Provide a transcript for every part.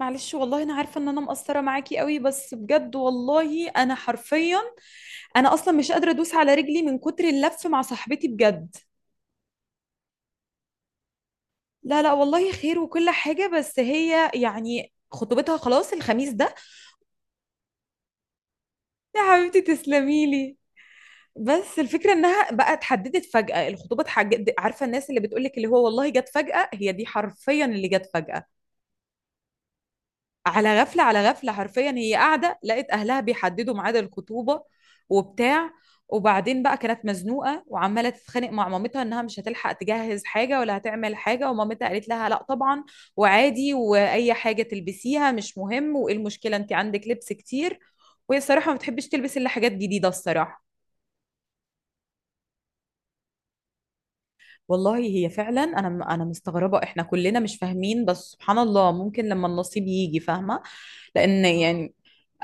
معلش، والله انا عارفه ان انا مقصره معاكي قوي، بس بجد والله انا حرفيا انا اصلا مش قادره ادوس على رجلي من كتر اللف مع صاحبتي بجد. لا لا والله خير وكل حاجه، بس هي يعني خطوبتها خلاص الخميس ده. يا حبيبتي تسلمي لي. بس الفكره انها بقى اتحددت فجاه، الخطوبه عارفه الناس اللي بتقولك اللي هو والله جت فجاه، هي دي حرفيا اللي جت فجاه. على غفلة على غفلة، حرفيا هي قاعدة لقت أهلها بيحددوا ميعاد الخطوبة وبتاع. وبعدين بقى كانت مزنوقة وعمالة تتخانق مع مامتها إنها مش هتلحق تجهز حاجة ولا هتعمل حاجة، ومامتها قالت لها لا طبعا وعادي، وأي حاجة تلبسيها مش مهم، وإيه المشكلة؟ أنت عندك لبس كتير، وهي الصراحة ما بتحبش تلبس إلا حاجات جديدة الصراحة. والله هي فعلا، انا مستغربه، احنا كلنا مش فاهمين، بس سبحان الله ممكن لما النصيب يجي فاهمه. لان يعني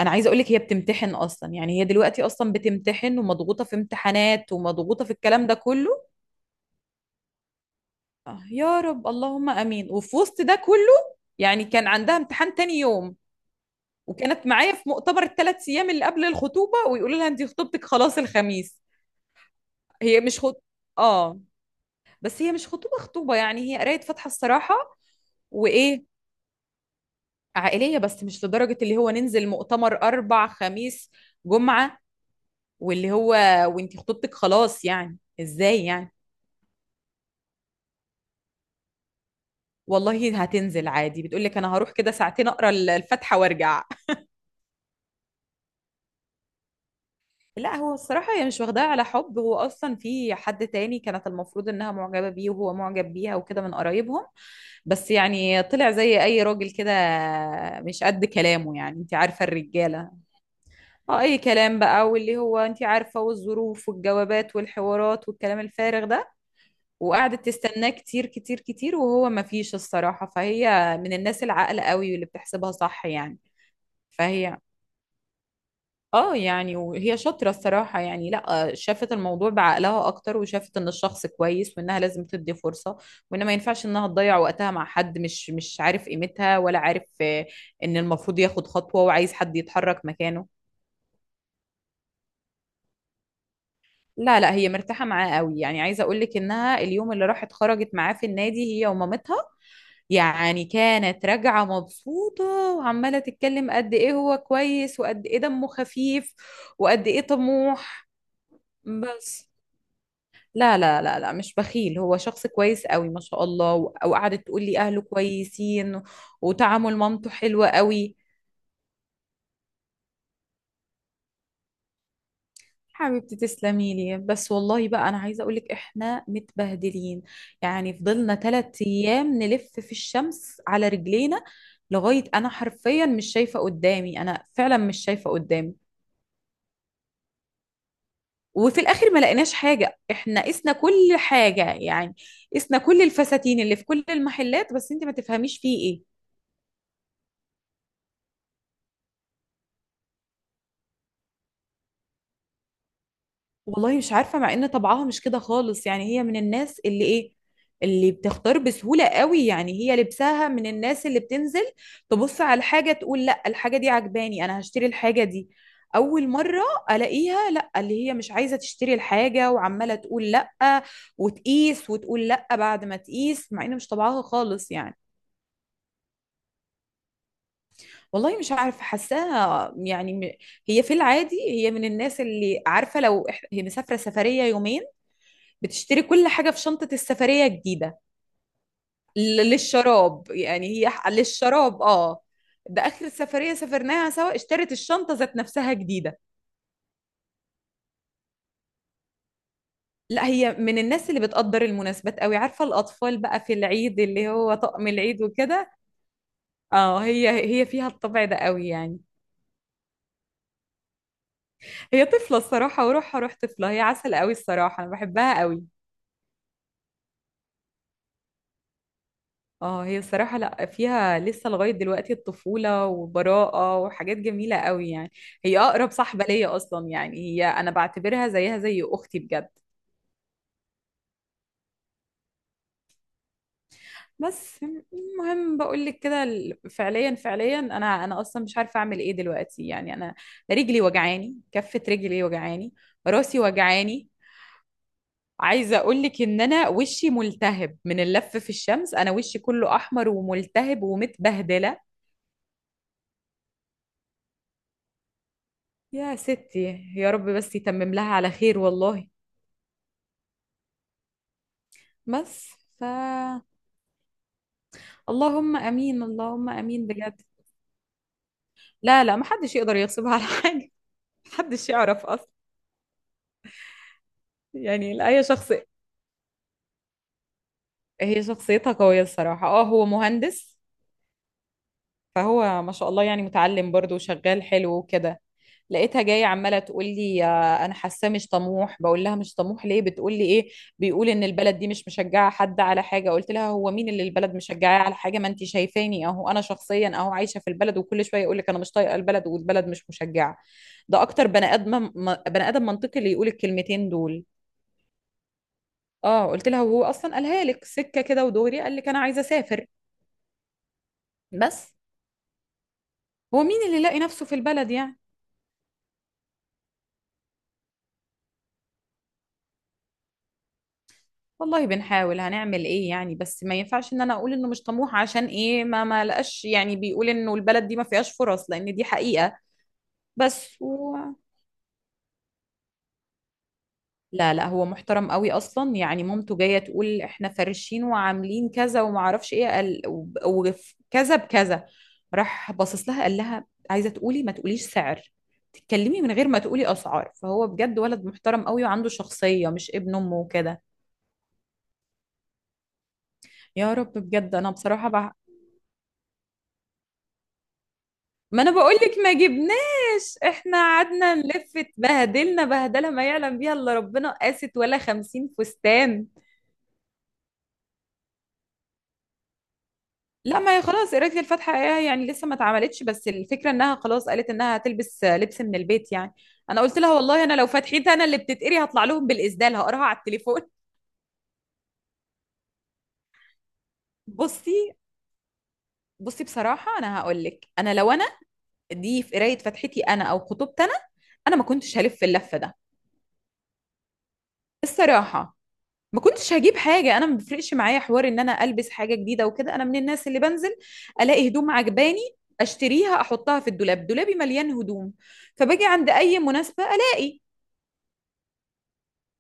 انا عايزه اقول لك هي بتمتحن اصلا، يعني هي دلوقتي اصلا بتمتحن ومضغوطه في امتحانات ومضغوطه في الكلام ده كله. آه، يا رب اللهم امين. وفي وسط ده كله يعني كان عندها امتحان تاني يوم، وكانت معايا في مؤتمر ال 3 ايام اللي قبل الخطوبه، ويقولوا لها انت خطوبتك خلاص الخميس. هي مش اه، بس هي مش خطوبه خطوبه يعني، هي قرايه فاتحه الصراحه. وايه، عائلية، بس مش لدرجة اللي هو ننزل مؤتمر أربع خميس جمعة واللي هو وانتي خطوبتك خلاص، يعني ازاي يعني؟ والله هتنزل عادي، بتقول لك انا هروح كده ساعتين اقرا الفاتحة وارجع. لا هو الصراحة هي مش واخداها على حب، هو اصلا في حد تاني كانت المفروض انها معجبة بيه وهو معجب بيها وكده، من قرايبهم. بس يعني طلع زي اي راجل كده، مش قد كلامه يعني، انت عارفة الرجالة. اه اي كلام بقى، واللي هو انت عارفة، والظروف والجوابات والحوارات والكلام الفارغ ده. وقعدت تستناه كتير كتير كتير، وهو ما فيش الصراحة. فهي من الناس العاقلة قوي واللي بتحسبها صح يعني. فهي اه يعني وهي شاطرة الصراحة، يعني لا، شافت الموضوع بعقلها اكتر، وشافت ان الشخص كويس وانها لازم تدي فرصة، وان ما ينفعش انها تضيع وقتها مع حد مش عارف قيمتها، ولا عارف، ان المفروض ياخد خطوة وعايز حد يتحرك مكانه. لا لا، هي مرتاحة معاه قوي يعني، عايزة اقول لك انها اليوم اللي راحت خرجت معاه في النادي هي ومامتها، يعني كانت راجعة مبسوطة، وعمالة تتكلم قد ايه هو كويس وقد ايه دمه خفيف وقد ايه طموح. بس لا لا لا لا مش بخيل، هو شخص كويس قوي ما شاء الله، وقعدت تقول لي اهله كويسين وتعامل مامته حلو قوي. حبيبتي تسلمي لي. بس والله بقى انا عايزه اقولك احنا متبهدلين، يعني فضلنا 3 ايام نلف في الشمس على رجلينا، لغايه انا حرفيا مش شايفه قدامي، انا فعلا مش شايفه قدامي. وفي الاخر ما لقيناش حاجه، احنا قسنا كل حاجه يعني، قسنا كل الفساتين اللي في كل المحلات، بس انت ما تفهميش فيه ايه. والله مش عارفة، مع ان طبعها مش كده خالص يعني، هي من الناس اللي ايه، اللي بتختار بسهولة قوي يعني. هي لبسها من الناس اللي بتنزل تبص على الحاجة تقول لا، الحاجة دي عجباني انا هشتري الحاجة دي اول مرة الاقيها. لا اللي هي مش عايزة تشتري الحاجة، وعمالة تقول لا، وتقيس وتقول لا بعد ما تقيس، مع ان مش طبعها خالص يعني. والله مش عارفة حاساها، يعني هي في العادي هي من الناس اللي عارفة لو هي مسافرة سفرية يومين بتشتري كل حاجة في شنطة السفرية الجديدة، للشراب يعني، هي للشراب اه. ده آخر سفرية سافرناها سوا اشترت الشنطة ذات نفسها جديدة. لا هي من الناس اللي بتقدر المناسبات قوي، عارفة الأطفال بقى في العيد، اللي هو طقم العيد وكده. اه، هي فيها الطبع ده قوي يعني. هي طفلة الصراحة، وروحها روح طفلة، هي عسل قوي الصراحة، أنا بحبها قوي. اه هي الصراحة لا، فيها لسه لغاية دلوقتي الطفولة وبراءة وحاجات جميلة قوي يعني. هي أقرب صاحبة ليا أصلا، يعني هي أنا بعتبرها زيها زي أختي بجد. بس، المهم بقول لك كده، فعليا فعليا أنا أصلا مش عارفة أعمل إيه دلوقتي يعني. أنا رجلي وجعاني، كفة رجلي وجعاني، راسي وجعاني، عايزة أقول لك إن أنا وشي ملتهب من اللف في الشمس، أنا وشي كله أحمر وملتهب ومتبهدلة. يا ستي، يا رب بس يتمم لها على خير والله. بس. ف اللهم امين اللهم امين بجد. لا لا محدش يقدر يغصبها على حاجه، محدش يعرف اصلا. يعني لا اي شخص، هي شخصيتها قويه الصراحه. اه هو مهندس، فهو ما شاء الله يعني متعلم برضه وشغال حلو وكده. لقيتها جايه عماله تقول لي، انا حاساه مش طموح، بقول لها مش طموح ليه؟ بتقول لي ايه، بيقول ان البلد دي مش مشجعه حد على حاجه. قلت لها هو مين اللي البلد مشجعاه على حاجه؟ ما انت شايفاني اهو، انا شخصيا اهو عايشه في البلد، وكل شويه يقول لك انا مش طايقه البلد والبلد مش مشجعه. ده اكتر بني ادم، بني ادم منطقي اللي يقول الكلمتين دول. اه قلت لها وهو اصلا قالها لك سكه كده ودغري قال لك انا عايزه اسافر. بس هو مين اللي لاقي نفسه في البلد يعني؟ والله بنحاول، هنعمل ايه يعني؟ بس ما ينفعش ان انا اقول انه مش طموح، عشان ايه ما لقاش يعني، بيقول انه البلد دي ما فيهاش فرص، لان دي حقيقة. بس هو لا لا، هو محترم قوي اصلا يعني. مامته جاية تقول احنا فرشين وعاملين كذا وما اعرفش ايه، قال وكذا بكذا، راح باصص لها قال لها عايزة تقولي ما تقوليش سعر، تتكلمي من غير ما تقولي اسعار. فهو بجد ولد محترم قوي، وعنده شخصية مش ابن امه وكده. يا رب بجد، انا بصراحة. ما انا بقولك ما جبناش، احنا قعدنا نلف، اتبهدلنا بهدله ما يعلم بيها الا ربنا. قاست ولا 50 فستان. لا ما هي خلاص، قرايه الفاتحه إيه يعني لسه ما اتعملتش، بس الفكره انها خلاص قالت انها هتلبس لبس من البيت يعني. انا قلت لها والله انا لو فتحتها انا اللي بتتقري، هطلع لهم بالاسدال هقراها على التليفون. بصي، بصي بصراحه، انا هقول لك انا لو انا، دي في قرايه فتحتي انا او خطوبتي انا، انا ما كنتش هلف اللفه ده الصراحه. ما كنتش هجيب حاجة، أنا ما بيفرقش معايا حوار إن أنا ألبس حاجة جديدة وكده. أنا من الناس اللي بنزل ألاقي هدوم عجباني أشتريها أحطها في الدولاب، دولابي مليان هدوم، فباجي عند أي مناسبة ألاقي.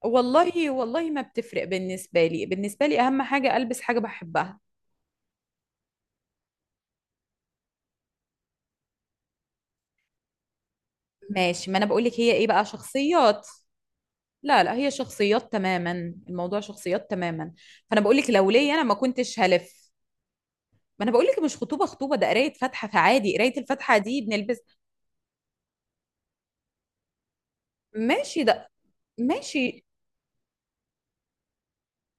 والله والله ما بتفرق بالنسبة لي، بالنسبة لي أهم حاجة ألبس حاجة بحبها. ماشي، ما أنا بقولك هي إيه بقى، شخصيات. لا لا هي شخصيات تماما، الموضوع شخصيات تماما. فأنا بقولك لو ليا أنا ما كنتش هلف. ما أنا بقولك مش خطوبة خطوبة، ده قراية فاتحة، فعادي قراية الفاتحة دي بنلبس. ماشي ده، ماشي.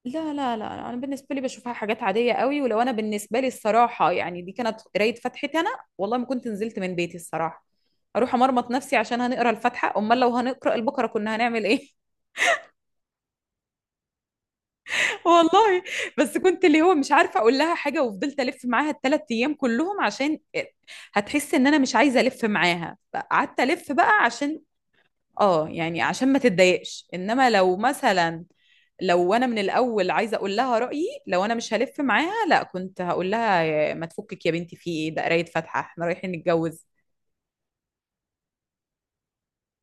لا لا لا انا بالنسبه لي بشوفها حاجات عاديه قوي. ولو انا بالنسبه لي الصراحه يعني، دي كانت قرايه فتحتي انا، والله ما كنت نزلت من بيتي الصراحه، اروح امرمط نفسي عشان هنقرا الفاتحه؟ امال لو هنقرا البقره كنا هنعمل ايه؟ والله. بس كنت اللي هو مش عارفه اقول لها حاجه، وفضلت الف معاها الثلاث ايام كلهم عشان هتحس ان انا مش عايزه الف معاها، فقعدت الف بقى عشان اه يعني عشان ما تتضايقش. انما لو مثلا، لو انا من الاول عايزه اقول لها رايي، لو انا مش هلف معاها، لا كنت هقول لها ما تفكك يا بنتي في ايه، ده قرايه فاتحه، احنا رايحين نتجوز؟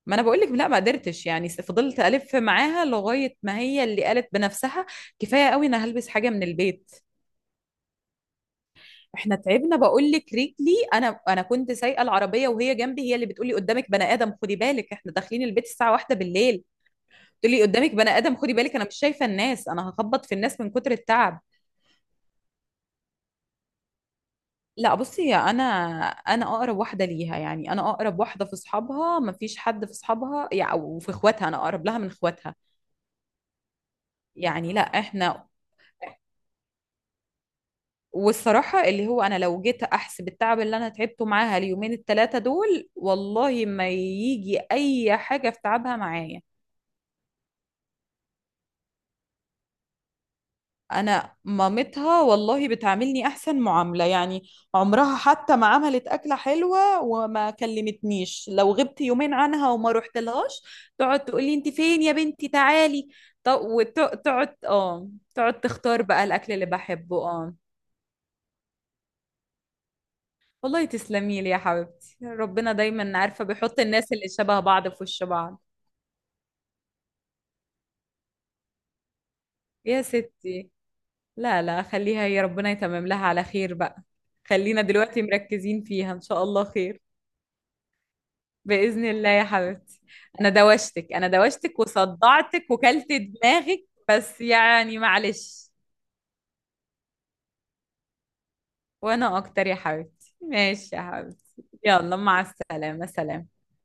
ما انا بقول لك لا ما قدرتش، يعني فضلت الف معاها لغايه ما هي اللي قالت بنفسها كفايه قوي، انا هلبس حاجه من البيت. احنا تعبنا بقول لك، رجلي، انا كنت سايقه العربيه وهي جنبي، هي اللي بتقولي قدامك بني ادم خدي بالك، احنا داخلين البيت الساعه 1 بالليل. تقولي قدامك بني ادم خدي بالك، انا مش شايفه الناس، انا هخبط في الناس من كتر التعب. لا بصي انا، انا اقرب واحده ليها يعني، انا اقرب واحده في اصحابها، ما فيش حد في اصحابها يعني او في اخواتها، انا اقرب لها من اخواتها. يعني لا احنا، والصراحه اللي هو انا لو جيت احسب التعب اللي انا تعبته معاها اليومين ال 3 دول، والله ما يجي اي حاجه في تعبها معايا. انا مامتها والله بتعاملني احسن معامله يعني، عمرها حتى ما عملت اكله حلوه وما كلمتنيش، لو غبت يومين عنها وما رحت لهاش تقعد تقول لي انت فين يا بنتي تعالي. وتقعد اه تقعد تختار بقى الاكل اللي بحبه اه. والله تسلمي لي يا حبيبتي، ربنا دايما عارفه بيحط الناس اللي شبه بعض في وش بعض. يا ستي، لا لا خليها، يا ربنا يتمم لها على خير بقى. خلينا دلوقتي مركزين فيها، ان شاء الله خير. بإذن الله يا حبيبتي. أنا دوشتك، أنا دوشتك وصدعتك وكلت دماغك، بس يعني معلش. وأنا أكتر يا حبيبتي، ماشي يا حبيبتي. يلا مع السلامة، سلام.